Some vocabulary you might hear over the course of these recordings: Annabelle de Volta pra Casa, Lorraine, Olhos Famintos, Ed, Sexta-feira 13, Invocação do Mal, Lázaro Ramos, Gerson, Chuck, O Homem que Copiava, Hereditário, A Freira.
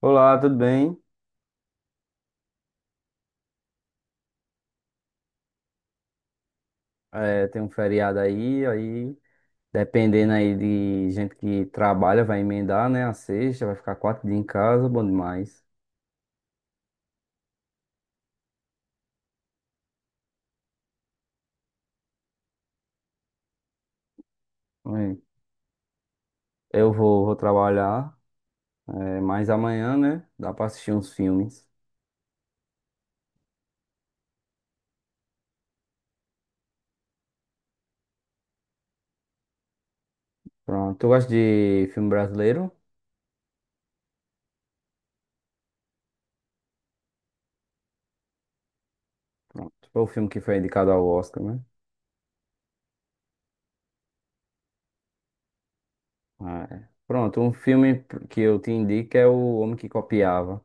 Olá, tudo bem? É, tem um feriado aí dependendo aí de gente que trabalha, vai emendar, né? A sexta, vai ficar quatro dias em casa, bom demais. É, eu vou trabalhar, é, mas amanhã, né? Dá pra assistir uns filmes. Pronto. Tu gosta de filme brasileiro? Pronto. Foi o filme que foi indicado ao Oscar, né? Ah, é. Pronto, um filme que eu te indico é O Homem que Copiava.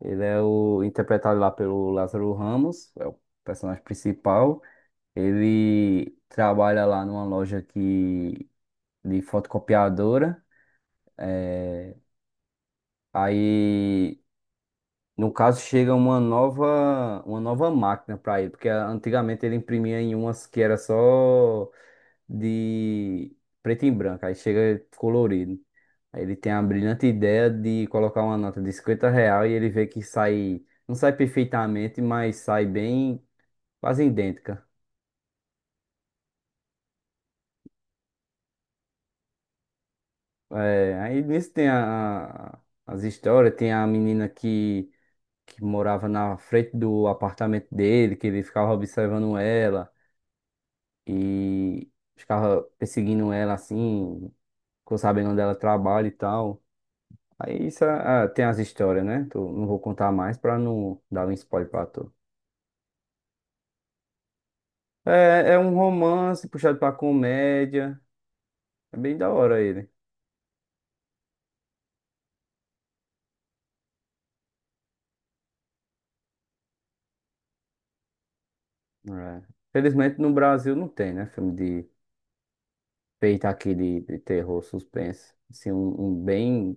Ele é o interpretado lá pelo Lázaro Ramos, é o personagem principal. Ele trabalha lá numa loja que, de fotocopiadora. eh, Aí, no caso, chega uma nova máquina para ele, porque antigamente ele imprimia em umas que era só de preto e branco, aí chega colorido. Aí ele tem a brilhante ideia de colocar uma nota de 50 real e ele vê que sai, não sai perfeitamente, mas sai bem, quase idêntica. É, aí nisso tem as histórias, tem a menina que morava na frente do apartamento dele, que ele ficava observando ela e ficava perseguindo ela assim, ficou sabendo onde ela trabalha e tal. Aí isso tem as histórias, né? Não vou contar mais pra não dar um spoiler pra tu. É um romance puxado pra comédia, é bem da hora ele. É. Felizmente no Brasil não tem, né? Filme feita aqui de terror, suspense. Assim, um bem.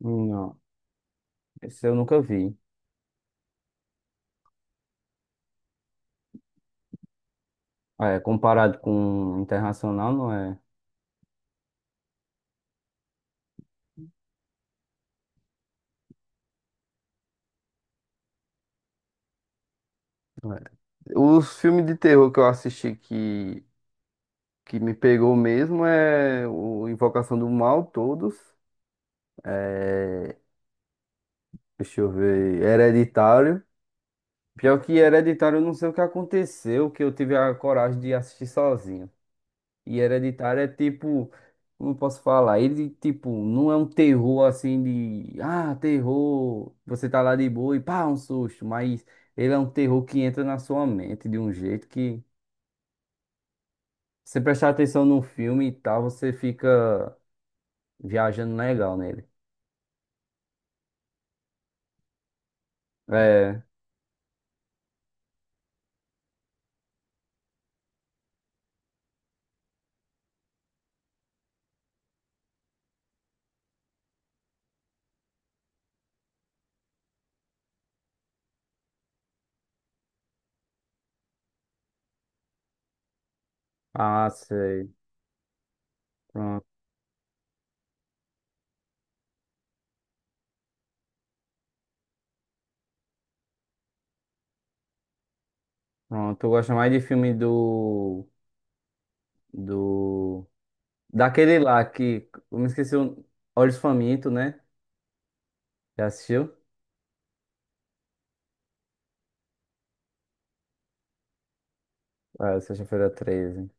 Não, esse eu nunca vi. É, comparado com internacional, não é? Não. É. Os filmes de terror que eu assisti que me pegou mesmo é o Invocação do Mal, todos. É, deixa eu ver. Hereditário. Pior que Hereditário, eu não sei o que aconteceu, que eu tive a coragem de assistir sozinho. E Hereditário é tipo, como posso falar? Ele, tipo, não é um terror assim de, terror, você tá lá de boa e pá, um susto, mas ele é um terror que entra na sua mente de um jeito que, se você prestar atenção no filme e tal, você fica viajando legal nele. É, sei. Pronto, pronto. Eu gosto mais de filme do, daquele lá que, eu me esqueci, o Olhos Famintos, né? Já assistiu? Ah, sexta-feira 13.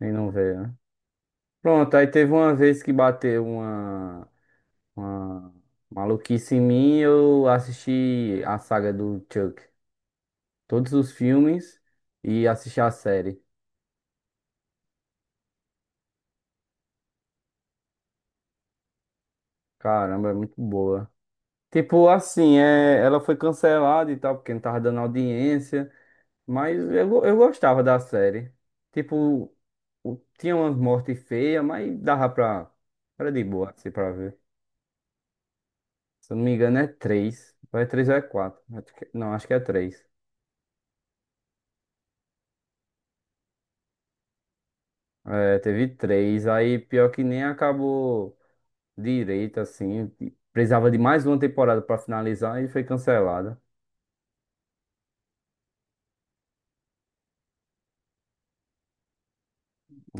Nem não veio, né? Pronto, aí teve uma vez que bateu uma maluquice em mim, eu assisti a saga do Chuck, todos os filmes e assisti a série. Caramba, é muito boa. Tipo assim, é, ela foi cancelada e tal, porque não tava dando audiência, mas eu gostava da série. Tipo, tinha umas mortes feias, mas dava pra. Era de boa, assim, pra ver. Se eu não me engano, é três. Ou é três ou é quatro. Não, acho que é três. É, teve três, aí pior que nem acabou direito, assim. Precisava de mais uma temporada pra finalizar e foi cancelada.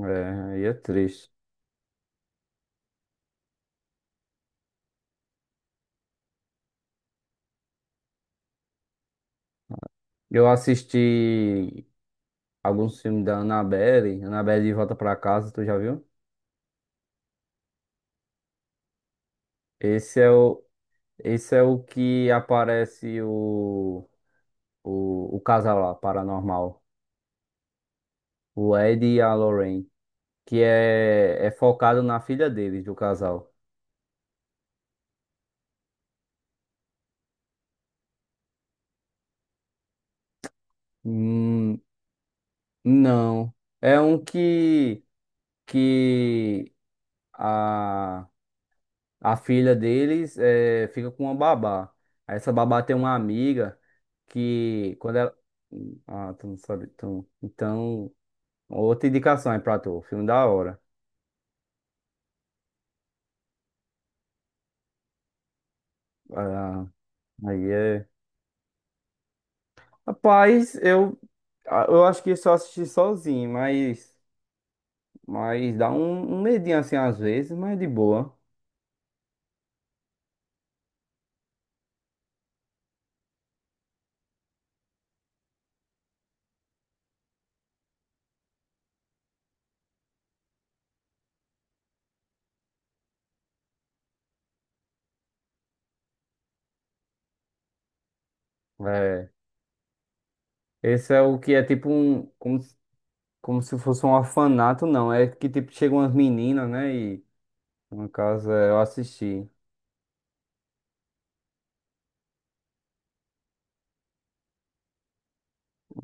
É, aí é triste. Eu assisti alguns filmes da Annabelle, Annabelle de Volta pra Casa, tu já viu? Esse é o, esse é o que aparece o, o casal lá, paranormal, o Ed e a Lorraine, que é focado na filha deles, do casal. Hum, não. É um que. Que a, a filha deles fica com uma babá. Aí essa babá tem uma amiga que quando ela. Ah, tu não sabe. Tu... Então, outra indicação aí pra tu. Filme da hora. Ah, aí é. Rapaz, eu acho que só assisti sozinho, mas, dá um medinho assim às vezes, mas de boa. É. Esse é o que é tipo um, como se fosse um orfanato, não. É que tipo, chegam umas meninas, né? E no caso é, eu assisti.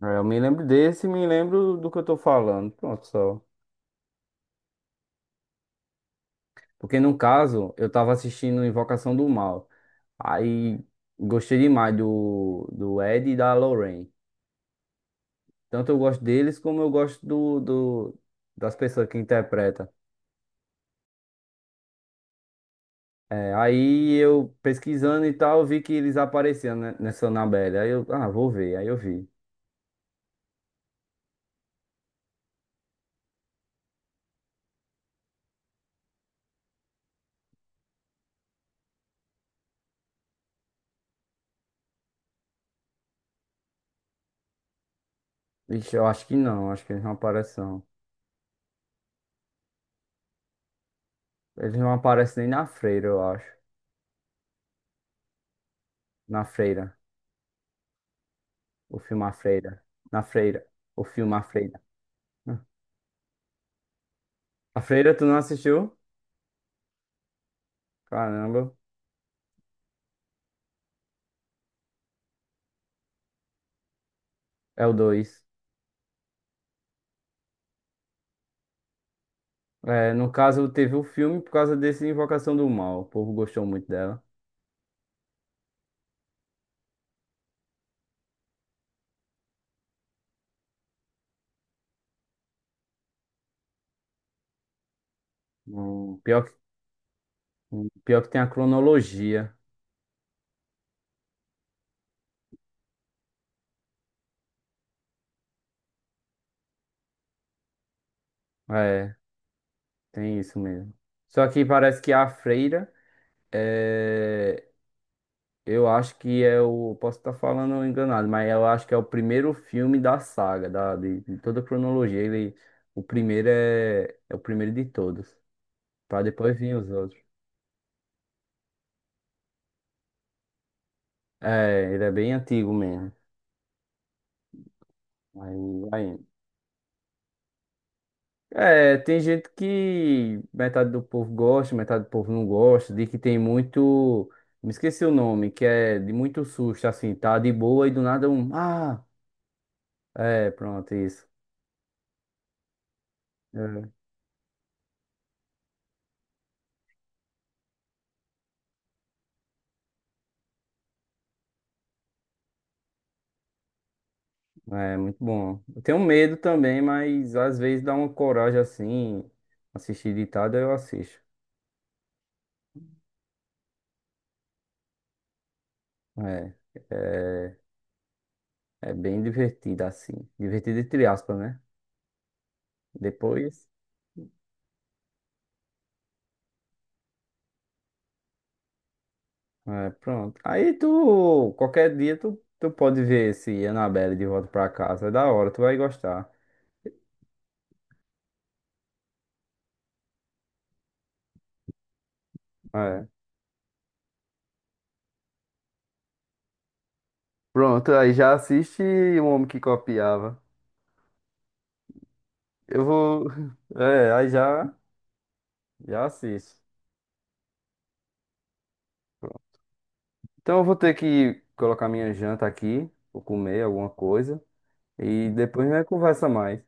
É, eu me lembro desse e me lembro do que eu tô falando. Pronto, só. Porque no caso, eu tava assistindo Invocação do Mal. Aí gostei demais do Ed e da Lorraine. Tanto eu gosto deles como eu gosto das pessoas que interpretam. É, aí eu pesquisando e tal, vi que eles apareciam, né, nessa Annabelle. Aí eu, vou ver. Aí eu vi. Vixe, eu acho que não, acho que eles não aparecem não. Eles não aparecem nem na freira, eu acho. Na freira. O filme A Freira. Na freira. O filme A Freira. A Freira, tu não assistiu? Caramba. É o dois. É, no caso, teve o filme por causa desse Invocação do Mal. O povo gostou muito dela. Pior que, tem a cronologia. É, tem isso mesmo. Só que parece que a Freira. é, Eu acho que é o. Posso estar falando enganado, mas eu acho que é o primeiro filme da saga, de toda a cronologia. Ele, o primeiro é o primeiro de todos. Pra depois vir os outros. É, ele é bem antigo mesmo. Aí, vai indo. É, tem gente que metade do povo gosta, metade do povo não gosta, de que tem muito. Me esqueci o nome, que é de muito susto, assim, tá de boa e do nada um. Ah! É, pronto, isso. É. É muito bom. Eu tenho medo também, mas às vezes dá uma coragem assim. Assistir ditado eu assisto. É, é, é bem divertido assim. Divertido entre aspas, né? Depois, é, pronto. Aí tu, qualquer dia tu, pode ver esse Annabelle de volta pra casa. É da hora, tu vai gostar. É. Pronto, aí já assiste O Homem que Copiava. Eu vou. É, aí já, assiste. Então eu vou ter que colocar minha janta aqui, vou comer alguma coisa e depois a gente conversa mais.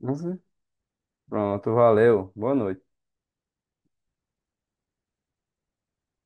Uhum. Pronto, valeu. Boa noite.